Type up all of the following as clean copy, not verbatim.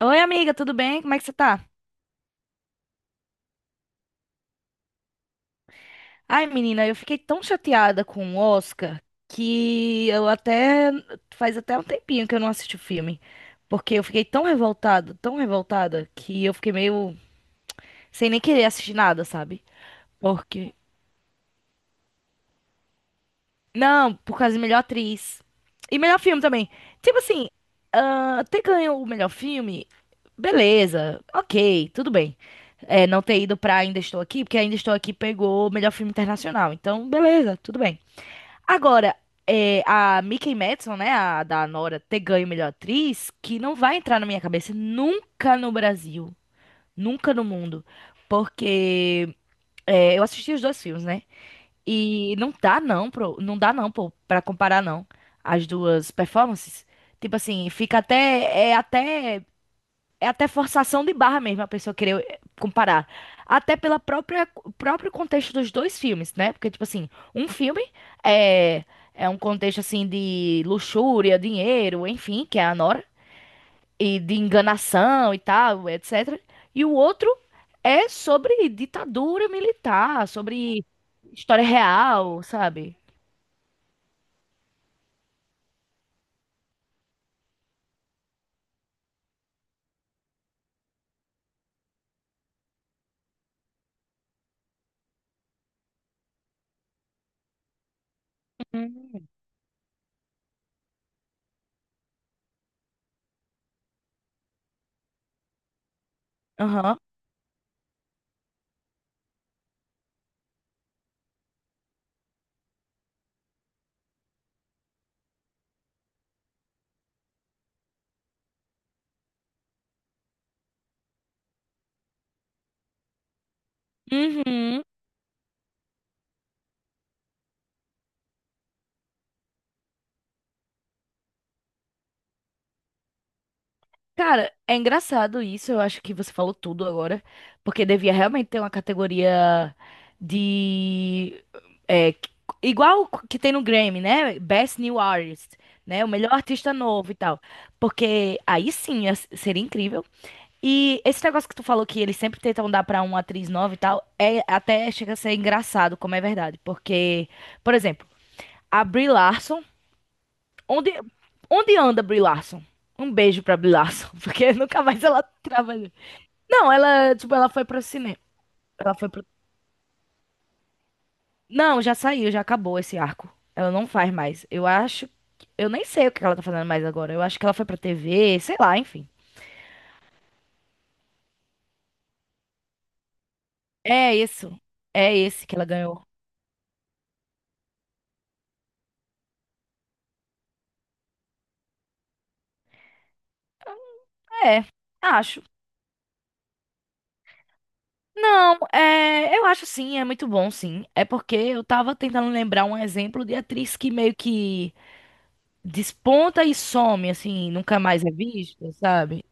Oi, amiga, tudo bem? Como é que você tá? Ai, menina, eu fiquei tão chateada com o Oscar que eu até faz até um tempinho que eu não assisti o filme, porque eu fiquei tão revoltada que eu fiquei meio sem nem querer assistir nada, sabe? Porque não, por causa de melhor atriz e melhor filme também. Tipo assim, ah, ter ganho o melhor filme, beleza, ok, tudo bem. É, não ter ido pra Ainda Estou Aqui, porque Ainda Estou Aqui pegou o melhor filme internacional. Então, beleza, tudo bem. Agora, a Mikey Madison, né, a da Nora, ter ganho melhor atriz, que não vai entrar na minha cabeça nunca no Brasil, nunca no mundo, porque eu assisti os dois filmes, né? E não dá não, não dá não, pô, pra comparar não as duas performances. Tipo assim, fica até é até é até forçação de barra mesmo a pessoa querer comparar. Até pela própria próprio contexto dos dois filmes, né? Porque, tipo assim, um filme é, é um contexto, assim, de luxúria, dinheiro, enfim, que é a Nora, e de enganação e tal, etc. E o outro é sobre ditadura militar, sobre história real, sabe? Hum. Aham. Uhum. Cara, é engraçado isso, eu acho que você falou tudo agora, porque devia realmente ter uma categoria de é, igual que tem no Grammy, né? Best New Artist, né? O melhor artista novo e tal. Porque aí sim seria incrível. E esse negócio que tu falou que eles sempre tentam dar pra uma atriz nova e tal, é até chega a ser engraçado, como é verdade, porque, por exemplo, a Brie Larson. Onde, onde anda Brie Larson? Um beijo pra Brie Larson, porque nunca mais ela trabalhou. Não, ela, tipo, ela foi pro cinema. Ela foi pro. Não, já saiu, já acabou esse arco. Ela não faz mais. Eu acho. Eu nem sei o que ela tá fazendo mais agora. Eu acho que ela foi pra TV, sei lá, enfim. É isso. É esse que ela ganhou. É, acho. Não, é, eu acho sim, é muito bom, sim. É porque eu tava tentando lembrar um exemplo de atriz que meio que desponta e some, assim, nunca mais é vista, sabe?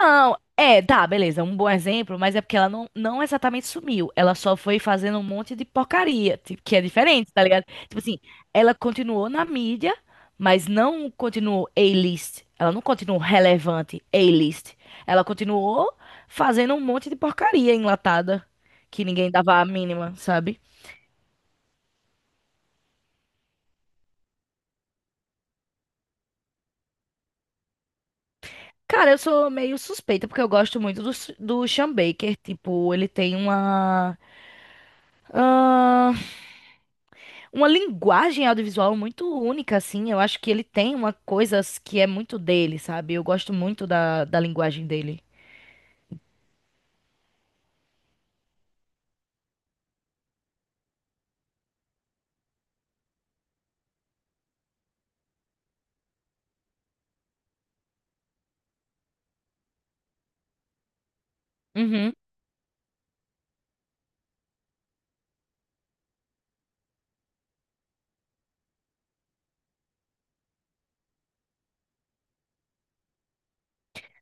Não, é, tá, beleza, um bom exemplo, mas é porque ela não, não exatamente sumiu. Ela só foi fazendo um monte de porcaria, tipo, que é diferente, tá ligado? Tipo assim, ela continuou na mídia, mas não continuou A-list. Ela não continuou relevante A-list. Ela continuou fazendo um monte de porcaria enlatada, que ninguém dava a mínima, sabe? Cara, eu sou meio suspeita porque eu gosto muito do Sean Baker. Tipo, ele tem ah, uma linguagem audiovisual muito única, assim. Eu acho que ele tem uma coisa que é muito dele, sabe? Eu gosto muito da linguagem dele. Uhum.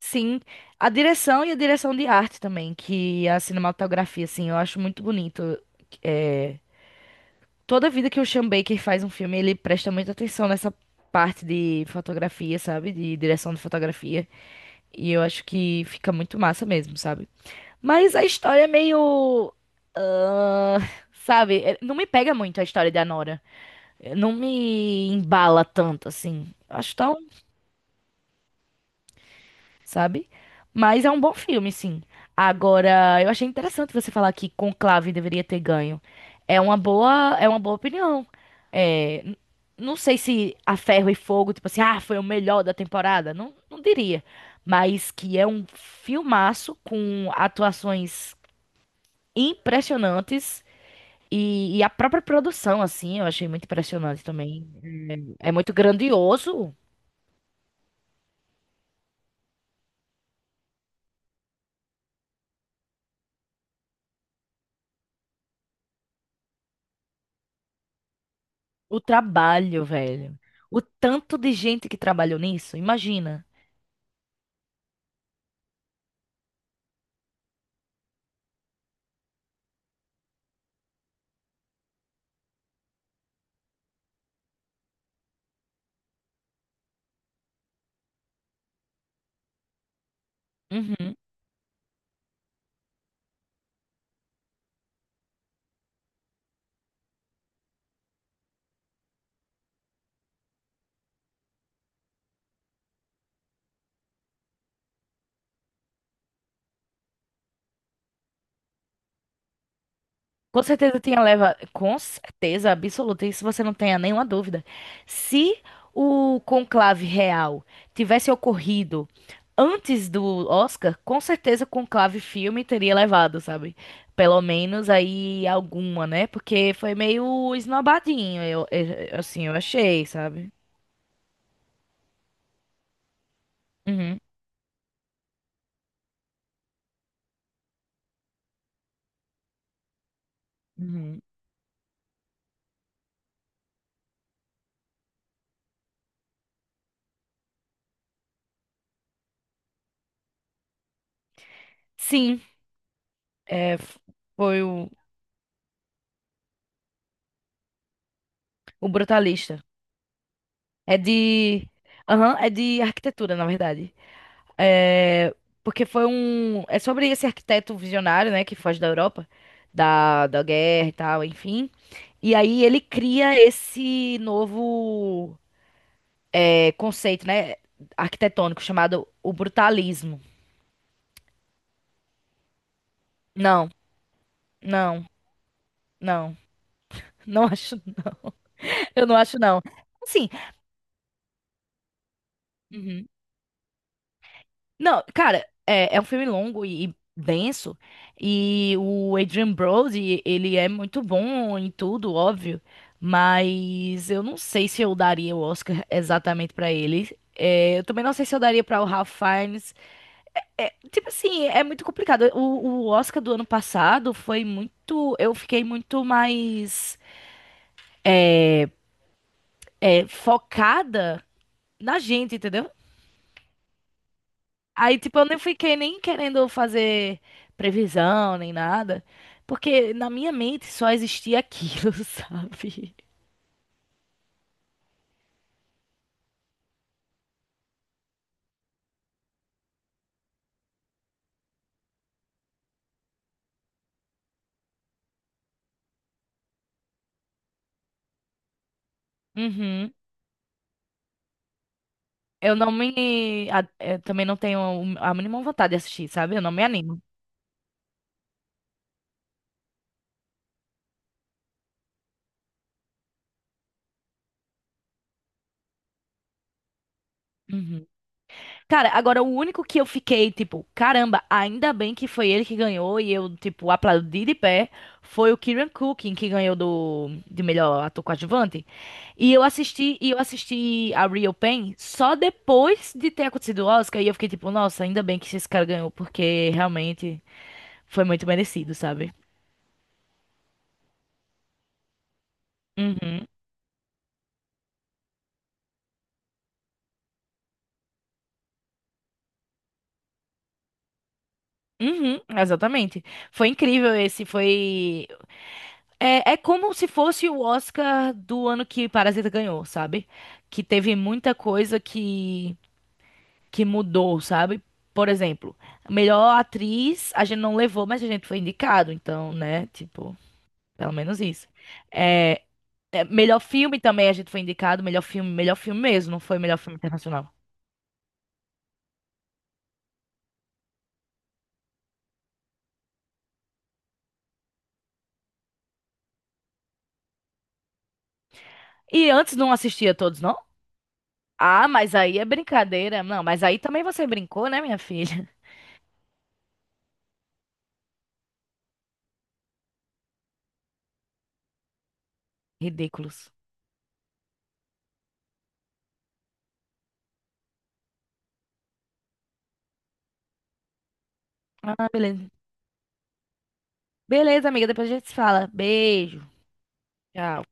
Sim. A direção e a direção de arte também, que a cinematografia, assim, eu acho muito bonito. É, toda vida que o Sean Baker faz um filme, ele presta muita atenção nessa parte de fotografia, sabe? De direção de fotografia. E eu acho que fica muito massa mesmo, sabe? Mas a história é meio. ah, sabe? É, não me pega muito a história da Nora. Não me embala tanto, assim. Acho tão, sabe? Mas é um bom filme, sim. Agora, eu achei interessante você falar que Conclave deveria ter ganho. É uma boa opinião. É, não sei se A Ferro e Fogo, tipo assim, foi o melhor da temporada. Não, não diria. Mas que é um filmaço com atuações impressionantes e a própria produção, assim, eu achei muito impressionante também. É muito grandioso. O trabalho, velho. O tanto de gente que trabalhou nisso, imagina. Uhum. Com certeza absoluta, isso você não tenha nenhuma dúvida. Se o conclave real tivesse ocorrido antes do Oscar, com certeza o conclave filme teria levado, sabe? Pelo menos aí alguma, né? Porque foi meio esnobadinho, assim, eu achei, sabe? Uhum, uhum. Sim, é, f- foi O Brutalista. É de. Aham, é de arquitetura, na verdade. É. Porque foi um. É sobre esse arquiteto visionário, né? Que foge da Europa, da guerra e tal, enfim. E aí ele cria esse novo conceito, né? Arquitetônico chamado o brutalismo. Não, não, não. Não acho. Eu não acho, não. Assim. Não, cara, é um filme longo e denso. E o Adrian Brody, ele é muito bom em tudo, óbvio. Mas eu não sei se eu daria o Oscar exatamente pra ele. É, eu também não sei se eu daria pra o Ralph Fiennes. É, tipo assim, é muito complicado. O Oscar do ano passado foi muito. Eu fiquei muito mais focada na gente, entendeu? Aí, tipo, eu nem fiquei nem querendo fazer previsão nem nada, porque na minha mente só existia aquilo, sabe? Uhum. Eu também não tenho a mínima vontade de assistir, sabe? Eu não me animo. Uhum. Cara, agora o único que eu fiquei, tipo, caramba, ainda bem que foi ele que ganhou e eu, tipo, aplaudi de pé, foi o Kieran Culkin que ganhou do de melhor ator coadjuvante. E eu assisti a Real Pain só depois de ter acontecido o Oscar e eu fiquei tipo, nossa, ainda bem que esse cara ganhou, porque realmente foi muito merecido, sabe? Uhum. Uhum, exatamente. Foi incrível esse. É como se fosse o Oscar do ano que Parasita ganhou, sabe? Que teve muita coisa que mudou, sabe? Por exemplo, melhor atriz a gente não levou, mas a gente foi indicado, então, né? Tipo, pelo menos isso. É, é, melhor filme também a gente foi indicado, melhor filme mesmo, não foi melhor filme internacional. E antes não assistia todos, não? Ah, mas aí é brincadeira. Não, mas aí também você brincou, né, minha filha? Ridículos. Ah, beleza. Beleza, amiga, depois a gente se fala. Beijo. Já.